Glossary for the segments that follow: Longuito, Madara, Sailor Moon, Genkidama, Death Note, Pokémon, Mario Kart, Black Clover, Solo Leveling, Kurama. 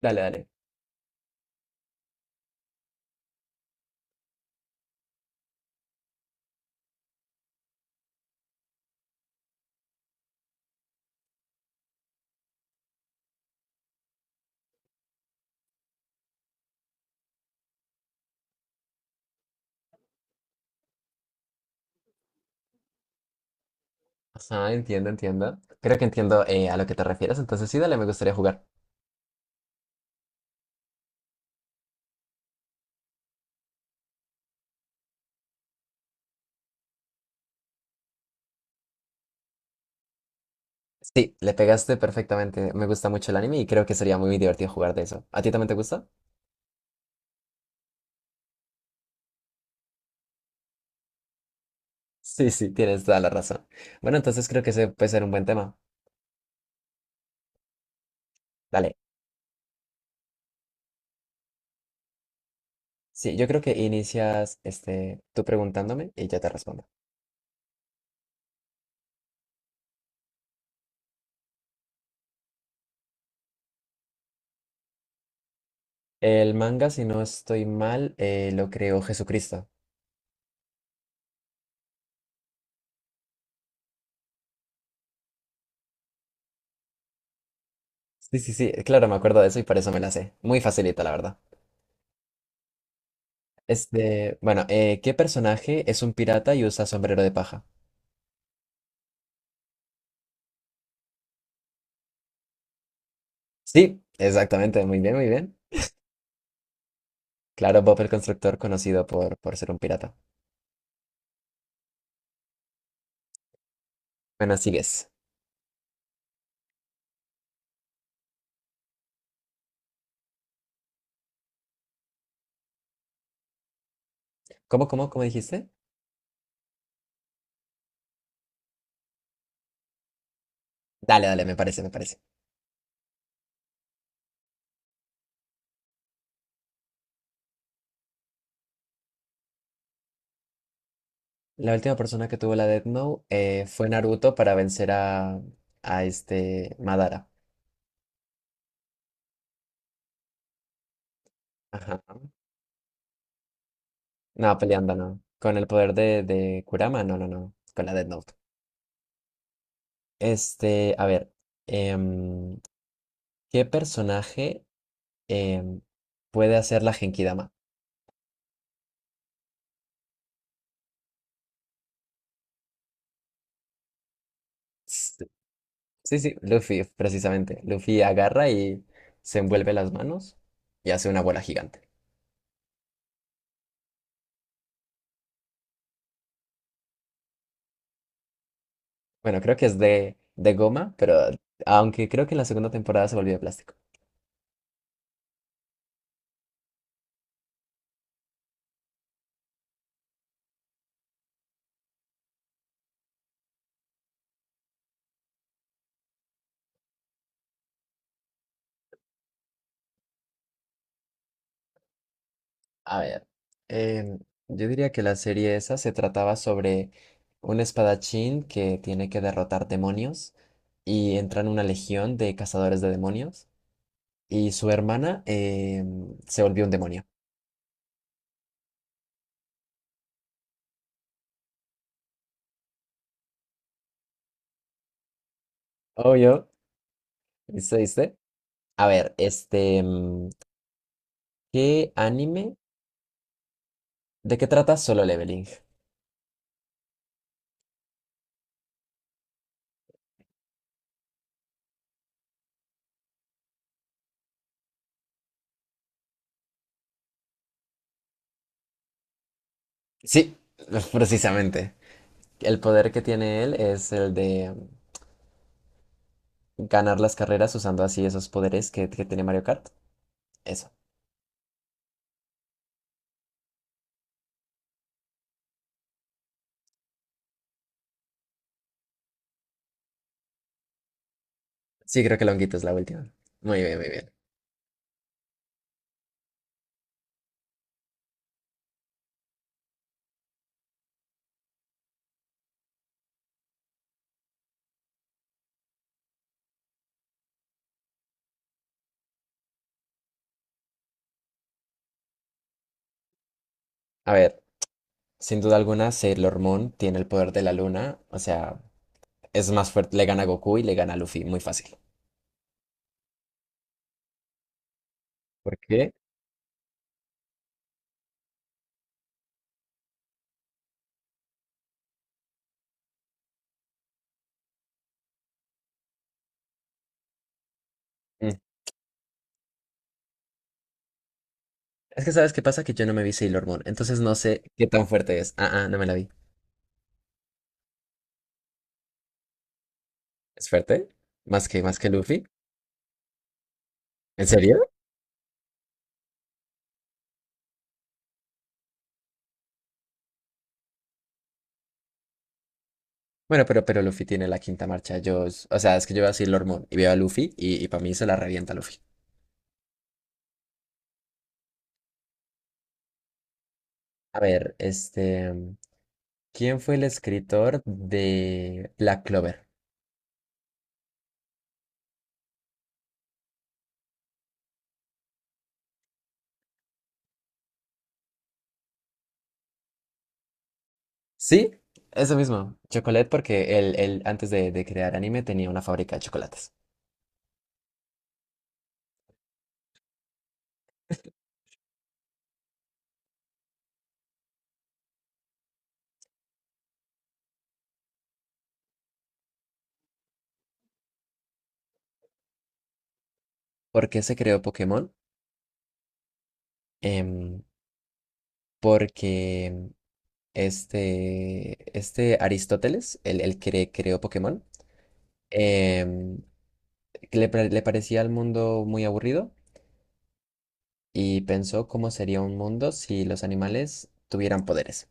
Dale, dale. Ajá, entiendo, entiendo. Creo que entiendo a lo que te refieres, entonces sí, dale, me gustaría jugar. Sí, le pegaste perfectamente. Me gusta mucho el anime y creo que sería muy divertido jugar de eso. ¿A ti también te gusta? Sí, sí, tienes toda la razón. Bueno, entonces creo que ese puede ser un buen tema. Dale. Sí, yo creo que inicias este, tú preguntándome y yo te respondo. El manga, si no estoy mal, lo creó Jesucristo. Sí, sí, sí, claro, me acuerdo de eso y por eso me la sé. Muy facilita, la verdad. Este, bueno, ¿qué personaje es un pirata y usa sombrero de paja? Sí, exactamente, muy bien, muy bien. Claro, Bob el Constructor, conocido por ser un pirata. Bueno, sigues. ¿Cómo, cómo, cómo dijiste? Dale, dale, me parece, me parece. La última persona que tuvo la Death Note fue Naruto para vencer a este Madara. Ajá. No, peleando, no. Con el poder de Kurama, no, no, no. Con la Death Note. Este, a ver. em, ¿Qué personaje em, puede hacer la Genkidama? S- Sí, sí, Luffy, precisamente. Luffy agarra y se envuelve las manos y hace una bola gigante. Bueno, creo que es de goma, pero aunque creo que en la segunda temporada se volvió de plástico. A ver, em, yo diría que la serie esa se trataba sobre un espadachín que tiene que derrotar demonios y entra en una legión de cazadores de demonios y su hermana se volvió un demonio. Obvio, ¿viste? ¿Viste? A ver, este, mm, ¿qué anime? ¿De qué trata Solo Leveling? Sí, precisamente. El poder que tiene él es el de mm, ganar las carreras usando así esos poderes que tiene Mario Kart. Eso. Sí, creo que Longuito es la última. Muy bien, muy bien. A ver, sin duda alguna, Sailor Moon tiene el poder de la luna. O sea, es más fuerte. Le gana a Goku y le gana a Luffy. Muy fácil. ¿Por qué? Mm, es que sabes qué pasa que yo no me vi Sailor Moon, entonces no sé qué tan fuerte es. Ah, ah, no me la vi. Es fuerte. Más que Luffy. ¿En serio? Bueno, pero Luffy tiene la quinta marcha. Yo, o sea, es que yo veo a Sailor Moon y veo a Luffy y para mí se la revienta Luffy. A ver, este, mm, ¿quién fue el escritor de Black Clover? Sí, eso mismo. Chocolate porque él antes de crear anime tenía una fábrica de chocolates. ¿Por qué se creó Pokémon? Em, Porque mm, este Aristóteles, el que creó Pokémon, em, que le, le parecía al mundo muy aburrido y pensó cómo sería un mundo si los animales tuvieran poderes.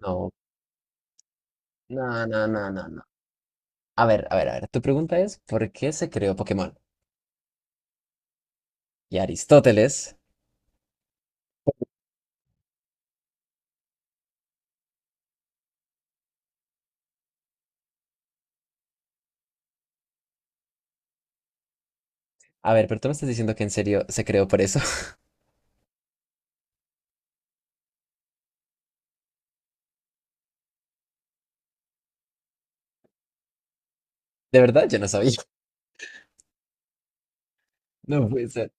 No, no, no, no, no, no. A ver, a ver, a ver. Tu pregunta es, ¿por qué se creó Pokémon? Y Aristóteles. A ver, pero tú me estás diciendo que en serio se creó por eso. De verdad, yo no sabía. No puede ser.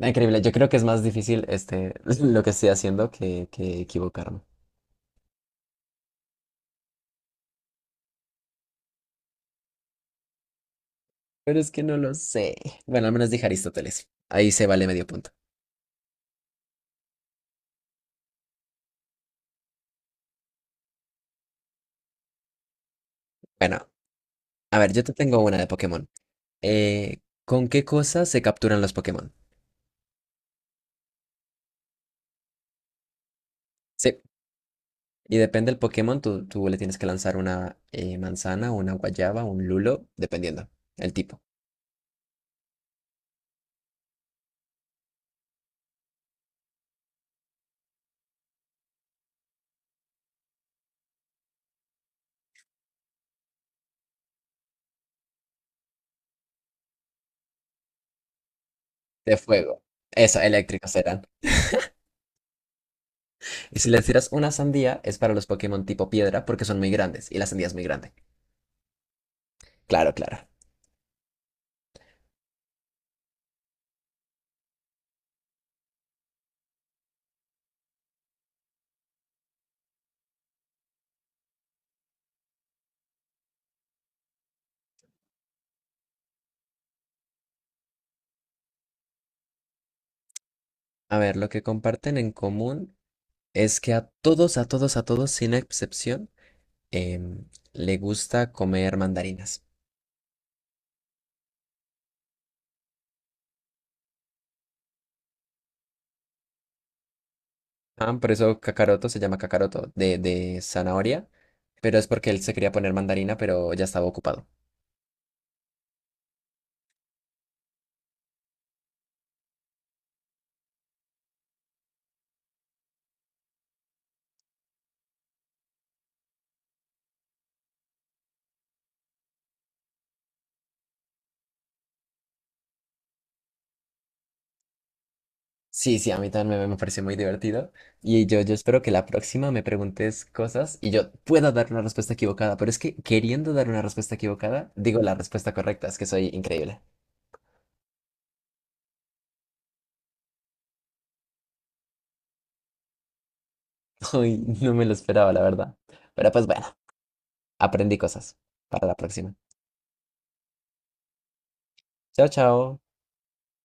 Ah, increíble, yo creo que es más difícil este, lo que estoy haciendo que equivocarme. Pero es que no lo sé. Bueno, al menos dije Aristóteles. Ahí se vale medio punto. Bueno, a ver, yo te tengo una de Pokémon. ¿Con qué cosas se capturan los Pokémon? Sí, y depende del Pokémon, tú le tienes que lanzar una manzana, una guayaba, un lulo, dependiendo el tipo de fuego. Eso, eléctricos serán. Y si le tiras una sandía, es para los Pokémon tipo piedra, porque son muy grandes, y la sandía es muy grande. Claro, claro. A ver, lo que comparten en común es que a todos, a todos, a todos, sin excepción, em, le gusta comer mandarinas. Ah, por eso Kakaroto se llama Kakaroto, de zanahoria, pero es porque él se quería poner mandarina, pero ya estaba ocupado. Sí, sí, a mí también me pareció muy divertido. Y yo espero que la próxima me preguntes cosas y yo pueda dar una respuesta equivocada, pero es que queriendo dar una respuesta equivocada, digo la respuesta correcta, es que soy increíble. Hoy no me lo esperaba, la verdad. Pero pues bueno, aprendí cosas para la próxima. Chao, chao.